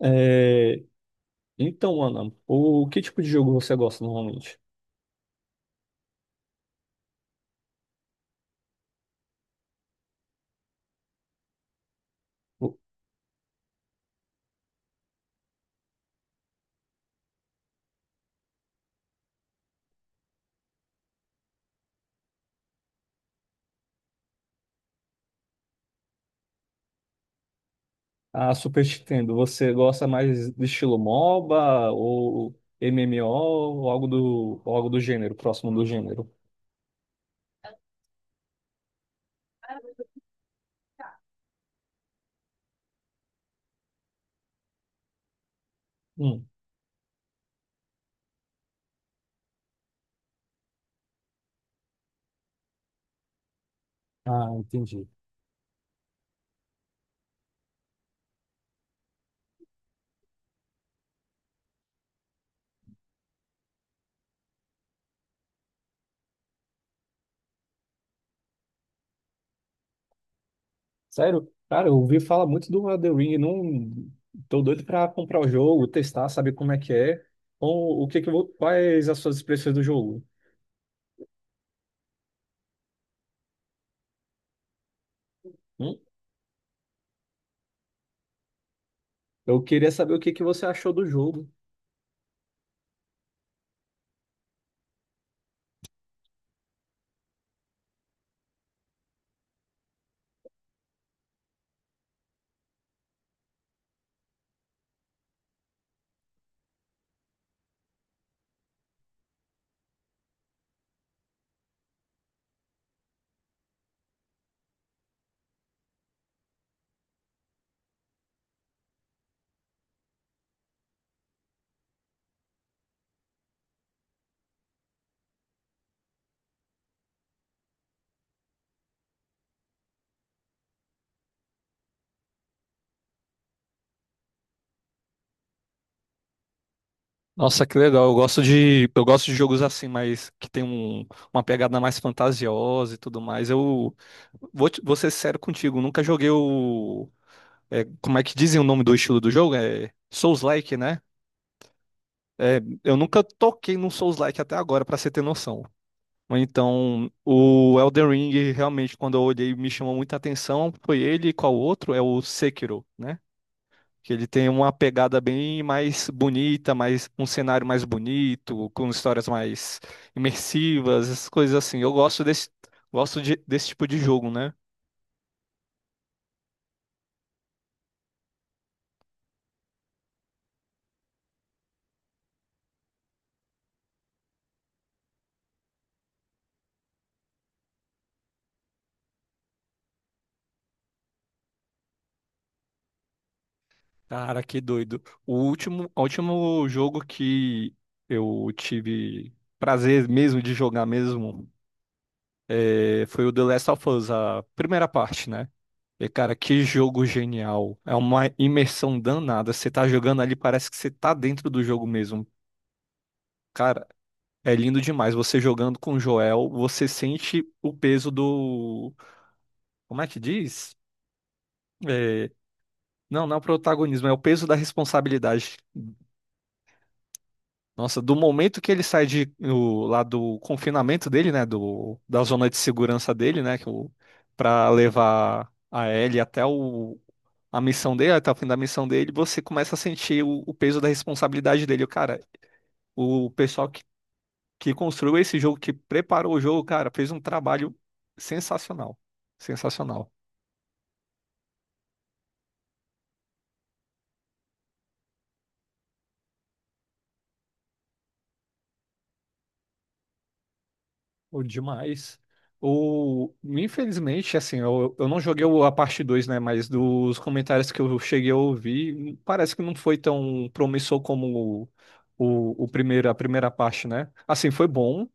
É, então, Ana, o que tipo de jogo você gosta normalmente? O- A Super Nintendo, você gosta mais de estilo MOBA ou MMO ou ou algo do gênero, próximo do gênero? Hum. Entendi. Sério? Cara, eu ouvi falar muito do Elden Ring, não tô doido pra comprar o jogo, testar, saber como é que é, ou o que que, vo- quais as suas expressões do jogo? Hum? Eu queria saber o que que você achou do jogo. Nossa, que legal. Eu gosto de jogos assim, mas que tem uma pegada mais fantasiosa e tudo mais. Eu vou ser sério contigo, nunca joguei o. Como é que dizem o nome do estilo do jogo? É Souls-like, né? É, eu nunca toquei num Souls-like até agora, pra você ter noção. Mas então, o Elden Ring, realmente, quando eu olhei, me chamou muita atenção. Foi ele e qual outro? É o Sekiro, né? Que ele tem uma pegada bem mais bonita, mais um cenário mais bonito, com histórias mais imersivas, essas coisas assim. Eu gosto desse tipo de jogo, né? Cara, que doido. O último jogo que eu tive prazer mesmo de jogar mesmo foi o The Last of Us, a primeira parte, né? E, cara, que jogo genial. É uma imersão danada. Você tá jogando ali, parece que você tá dentro do jogo mesmo. Cara, é lindo demais. Você jogando com o Joel, você sente o peso do. Como é que diz? É, não, não é o protagonismo, é o peso da responsabilidade. Nossa, do momento que ele sai de, lá do confinamento dele, né? Da zona de segurança dele, né? Pra levar a Ellie a missão dele, até o fim da missão dele, você começa a sentir o peso da responsabilidade dele. Cara, o pessoal que construiu esse jogo, que preparou o jogo, cara, fez um trabalho sensacional. Sensacional. O Demais. Infelizmente, assim, eu não joguei a parte 2, né? Mas dos comentários que eu cheguei a ouvir, parece que não foi tão promissor como o primeiro, a primeira parte, né? Assim, foi bom,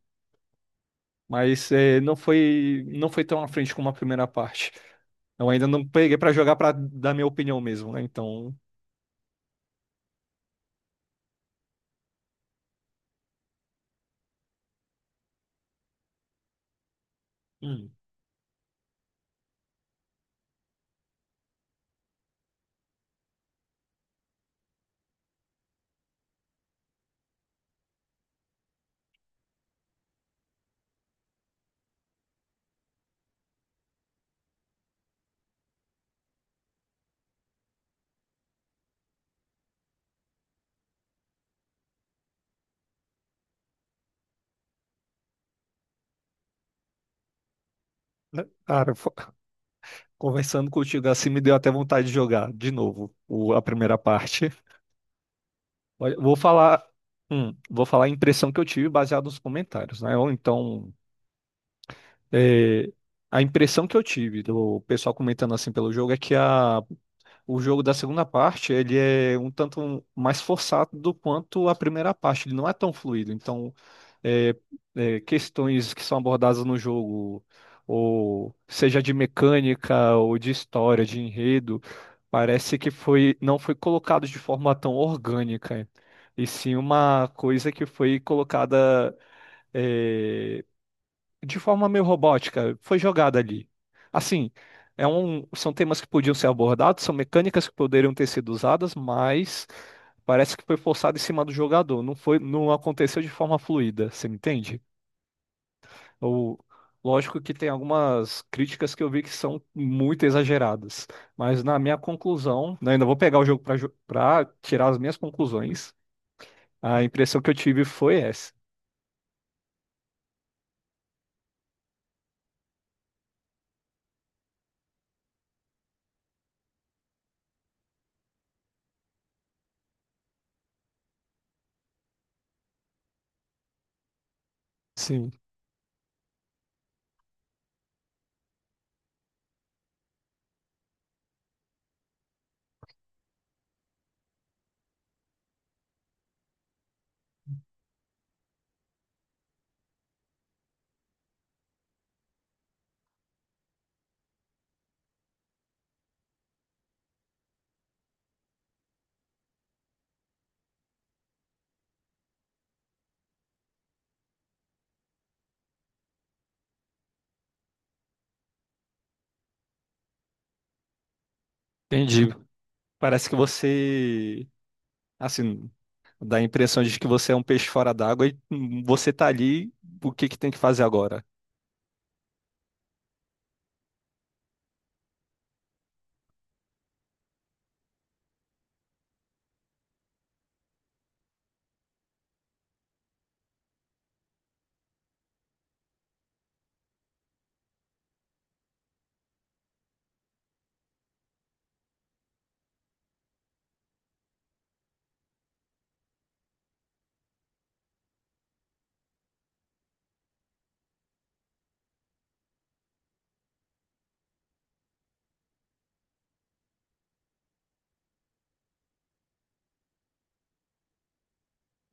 mas não foi, tão à frente como a primeira parte. Eu ainda não peguei pra jogar pra dar minha opinião mesmo, né? Então, hum. Cara, conversando contigo assim, me deu até vontade de jogar de novo a primeira parte. Olha, vou falar a impressão que eu tive baseado nos comentários, né? Ou então, é, a impressão que eu tive do pessoal comentando assim pelo jogo é que a o jogo da segunda parte, ele é um tanto mais forçado do quanto a primeira parte. Ele não é tão fluido. Então, é, questões que são abordadas no jogo, ou seja de mecânica, ou de história, de enredo, parece que foi, não foi colocado de forma tão orgânica. E sim uma coisa que foi colocada, é, de forma meio robótica, foi jogada ali. Assim, são temas que podiam ser abordados, são mecânicas que poderiam ter sido usadas, mas parece que foi forçado em cima do jogador. Não foi, não aconteceu de forma fluida, você me entende? Ou, lógico que tem algumas críticas que eu vi que são muito exageradas, mas na minha conclusão, né, ainda vou pegar o jogo para tirar as minhas conclusões. A impressão que eu tive foi essa. Sim, entendi. Parece que você, assim, dá a impressão de que você é um peixe fora d'água e você tá ali, o que que tem que fazer agora?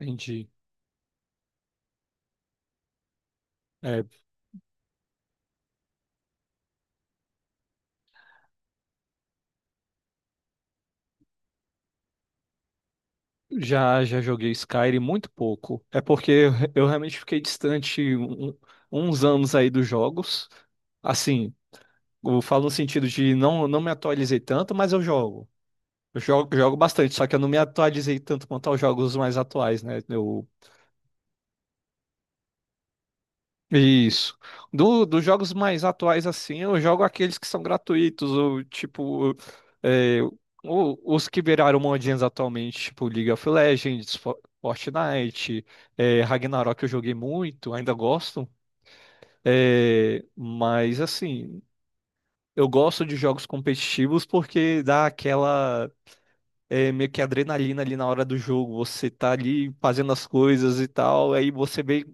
Entendi. É, já já joguei Skyrim muito pouco. É porque eu realmente fiquei distante uns anos aí dos jogos. Assim, eu falo no sentido de não me atualizei tanto, mas eu jogo. Eu jogo, jogo bastante, só que eu não me atualizei tanto quanto aos jogos mais atuais, né? Eu Isso. Dos jogos mais atuais, assim, eu jogo aqueles que são gratuitos, ou tipo, é, os que viraram modinhas atualmente, tipo League of Legends, Fortnite, Ragnarok eu joguei muito, ainda gosto, mas assim, eu gosto de jogos competitivos porque dá aquela meio que adrenalina ali na hora do jogo. Você tá ali fazendo as coisas e tal, aí você vem.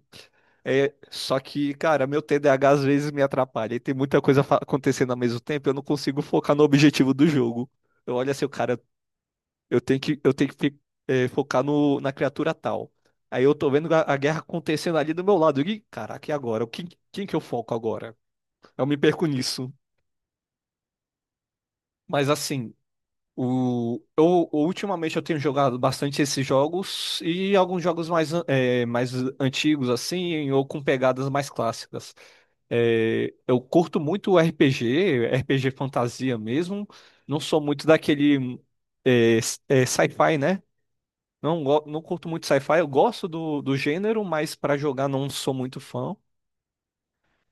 É, só que, cara, meu TDAH às vezes me atrapalha e tem muita coisa acontecendo ao mesmo tempo, eu não consigo focar no objetivo do jogo. Eu olho assim, cara, eu tenho que focar no, na criatura tal. Aí eu tô vendo a guerra acontecendo ali do meu lado. E, caraca, e agora? Quem que eu foco agora? Eu me perco nisso. Mas assim. Ultimamente eu tenho jogado bastante esses jogos e alguns jogos mais, mais antigos, assim, ou com pegadas mais clássicas. É, eu curto muito o RPG, RPG fantasia mesmo. Não sou muito daquele, sci-fi, né? Não, não curto muito sci-fi, eu gosto do gênero, mas para jogar não sou muito fã.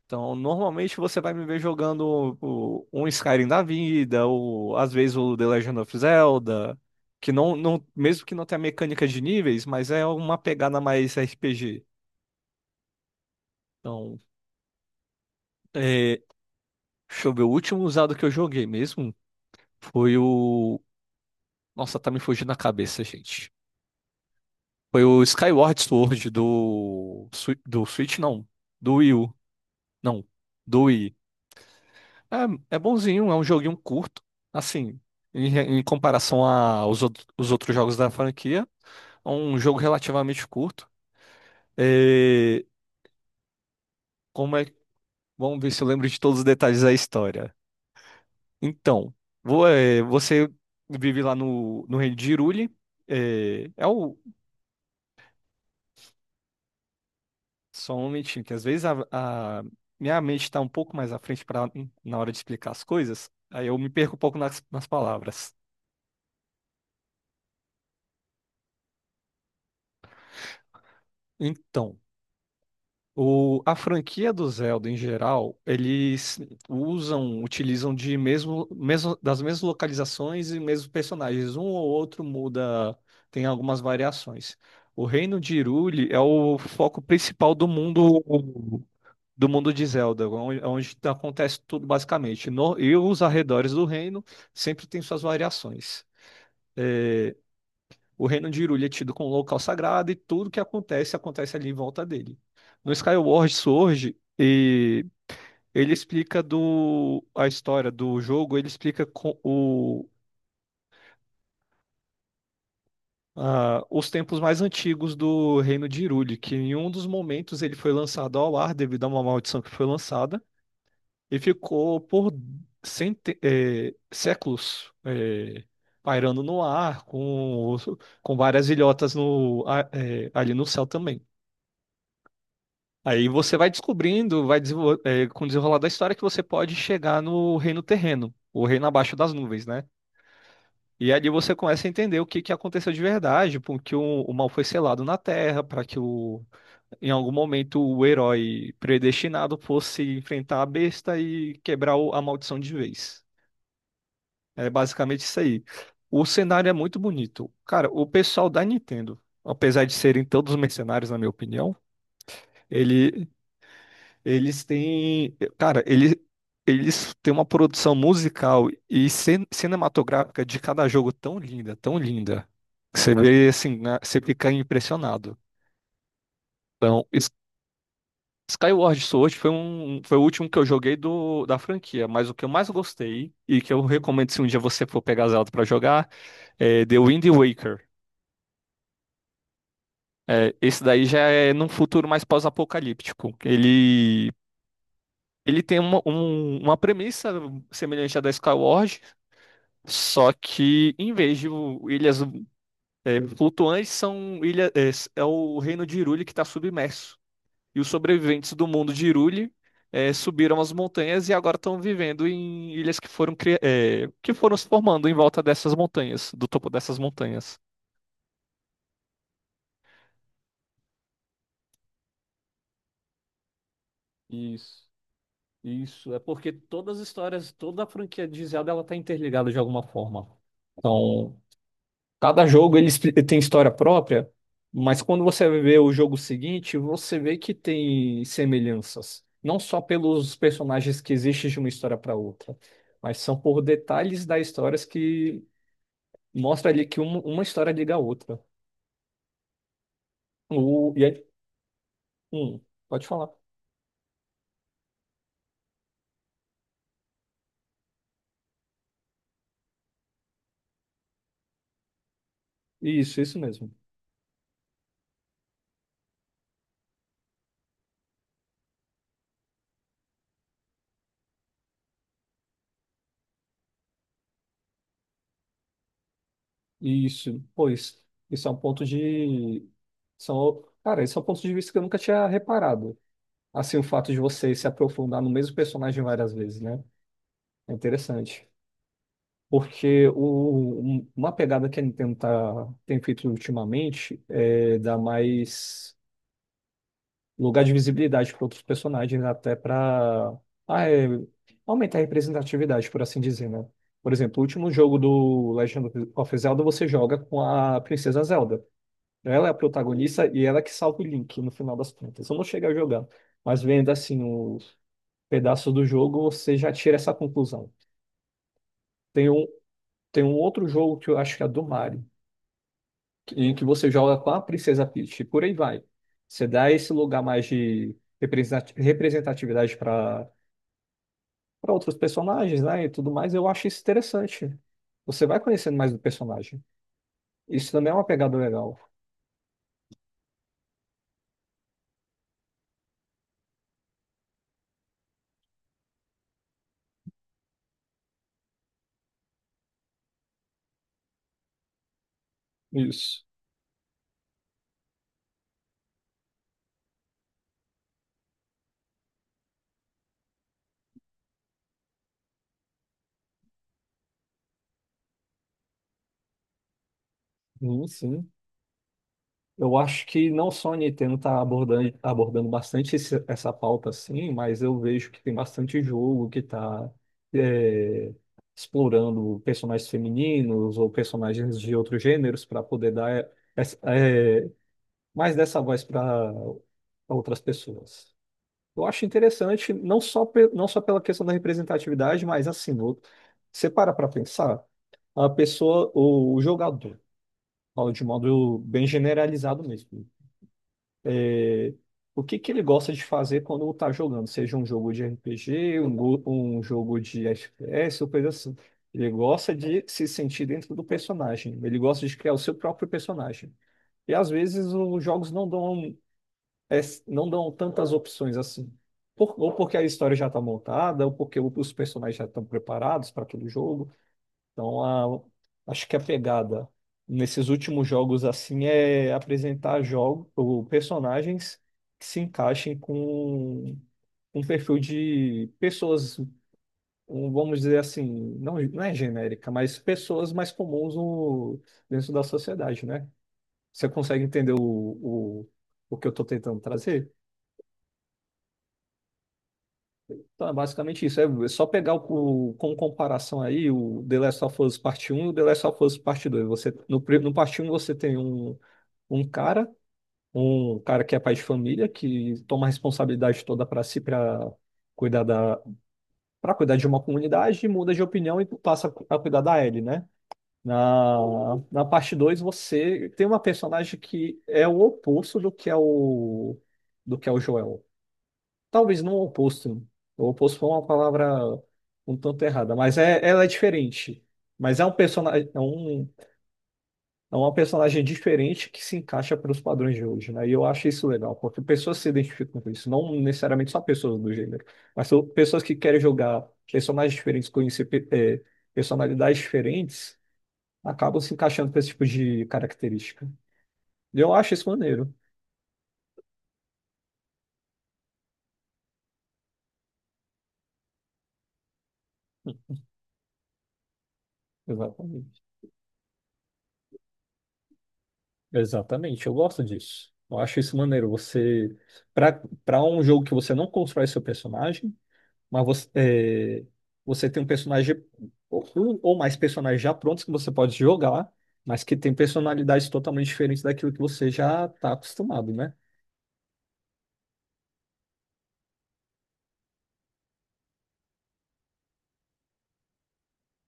Então, normalmente você vai me ver jogando um Skyrim da vida, ou às vezes o The Legend of Zelda, que não, mesmo que não tenha mecânica de níveis, mas é uma pegada mais RPG. Então, é, deixa eu ver, o último usado que eu joguei mesmo foi o. Nossa, tá me fugindo a cabeça, gente. Foi o Skyward Sword do. Do Switch, não. Do Wii U. Não. Do Wii. É bonzinho, é um joguinho curto, assim, em comparação aos outros, os outros jogos da franquia, é um jogo relativamente curto. É, como é, vamos ver se eu lembro de todos os detalhes da história. Então, você vive lá no reino de Hyrule, é, é o, só um momentinho, que às vezes a minha mente está um pouco mais à frente pra, na hora de explicar as coisas, aí eu me perco um pouco nas palavras. Então, a franquia do Zelda em geral, eles usam, utilizam de mesmo das mesmas localizações e mesmos personagens. Um ou outro muda, tem algumas variações. O Reino de Hyrule é o foco principal do mundo de Zelda, onde acontece tudo basicamente. E os arredores do reino sempre tem suas variações. É, o reino de Hyrule é tido como um local sagrado e tudo que acontece, acontece ali em volta dele. No Skyward Sword, ele explica a história do jogo, ele explica os tempos mais antigos do reino de Hyrule, que em um dos momentos ele foi lançado ao ar devido a uma maldição que foi lançada e ficou por séculos pairando no ar com várias ilhotas ali no céu também. Aí você vai descobrindo, com o desenrolar da história, que você pode chegar no reino terreno, o reino abaixo das nuvens, né? E ali você começa a entender o que que aconteceu de verdade, porque o mal foi selado na Terra, para que em algum momento o herói predestinado fosse enfrentar a besta e quebrar a maldição de vez. É basicamente isso aí. O cenário é muito bonito. Cara, o pessoal da Nintendo, apesar de serem todos mercenários, na minha opinião, ele Eles têm, cara, eles têm uma produção musical e cinematográfica de cada jogo tão linda, tão linda. Que Você vê assim, né, você fica impressionado. Então, Skyward Sword foi foi o último que eu joguei da franquia, mas o que eu mais gostei e que eu recomendo se um dia você for pegar Zelda pra jogar é The Wind Waker. É, esse daí já é num futuro mais pós-apocalíptico. Ele tem uma premissa semelhante à da Skyward. Só que, em vez de ilhas flutuantes, são ilha, é, s- é o reino de Hyrule que está submerso. E os sobreviventes do mundo de Hyrule subiram as montanhas e agora estão vivendo em ilhas que foram, que foram se formando em volta dessas montanhas, do topo dessas montanhas. Isso, isso. É porque todas as histórias, toda a franquia de Zelda, ela tá interligada de alguma forma. Então, cada jogo ele tem história própria, mas quando você vê o jogo seguinte, você vê que tem semelhanças. Não só pelos personagens que existem de uma história para outra, mas são por detalhes das histórias que mostra ali que uma história liga a outra. E aí, hum, pode falar. Isso mesmo. Isso, pois, isso é um ponto de. São, cara, isso é um ponto de vista que eu nunca tinha reparado. Assim, o fato de você se aprofundar no mesmo personagem várias vezes, né? É interessante. Porque uma pegada que a Nintendo tem feito ultimamente é dar mais lugar de visibilidade para outros personagens, até para aumentar a representatividade, por assim dizer, né? Por exemplo, o último jogo do Legend of Zelda você joga com a Princesa Zelda. Ela é a protagonista e ela é que salva o Link no final das contas. Eu não cheguei a jogar, mas vendo assim os pedaços do jogo, você já tira essa conclusão. Tem um, Tem um outro jogo que eu acho que é do Mario, em que você joga com a Princesa Peach, e por aí vai. Você dá esse lugar mais de representatividade para outros personagens, né, e tudo mais, eu acho isso interessante. Você vai conhecendo mais do personagem. Isso também é uma pegada legal. Isso. Sim, sim. Eu acho que não só a Nintendo está abordando bastante essa pauta, assim, mas eu vejo que tem bastante jogo que está explorando personagens femininos ou personagens de outros gêneros para poder dar essa- é, mais dessa voz para outras pessoas. Eu acho interessante, não só, não só pela questão da representatividade, mas assim, você para pensar, a pessoa, o jogador, falo de modo bem generalizado mesmo. O que que ele gosta de fazer quando tá jogando, seja um jogo de RPG, um jogo de FPS, ou coisa assim. Ele gosta de se sentir dentro do personagem, ele gosta de criar o seu próprio personagem. E às vezes os jogos não é, não dão tantas opções assim. Ou porque a história já está montada, ou porque os personagens já estão preparados para aquele jogo. Então, acho que a pegada nesses últimos jogos assim é apresentar jogos ou personagens que se encaixem com um perfil de pessoas, um, vamos dizer assim, não é genérica, mas pessoas mais comuns dentro da sociedade, né? Você consegue entender o que eu estou tentando trazer? Então, é basicamente isso. É só pegar com comparação aí o The Last of Us Parte Um, e o The Last of Us Parte Dois. Você, no, pri- No Parte Um você tem um cara, um cara que é pai de família, que toma a responsabilidade toda para si, para cuidar para cuidar de uma comunidade, e muda de opinião e passa a cuidar da Ellie, né? Na, Na parte 2 você tem uma personagem que é o oposto do que é o Joel. Talvez não o oposto. O oposto foi uma palavra um tanto errada, mas é, ela é diferente. Mas é é uma personagem diferente que se encaixa para os padrões de hoje, né? E eu acho isso legal, porque pessoas se identificam com isso, não necessariamente só pessoas do gênero, mas são pessoas que querem jogar personagens diferentes, conhecer personalidades diferentes, acabam se encaixando para esse tipo de característica. E eu acho isso maneiro. Exatamente. Exatamente, eu gosto disso. Eu acho isso maneiro. Você, para um jogo que você não constrói seu personagem, mas você, é, você tem um personagem um ou mais personagens já prontos que você pode jogar, mas que tem personalidades totalmente diferentes daquilo que você já está acostumado, né?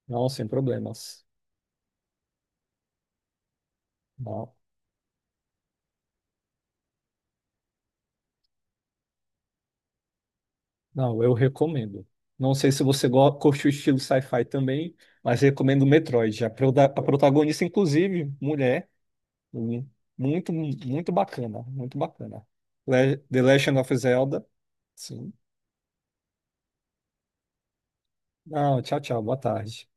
Não, sem problemas. Não, não, eu recomendo. Não sei se você curte o estilo sci-fi também, mas recomendo Metroid. A, a protagonista, inclusive, mulher. Muito, muito bacana, muito bacana. The Legend of Zelda. Sim. Não, tchau, tchau. Boa tarde.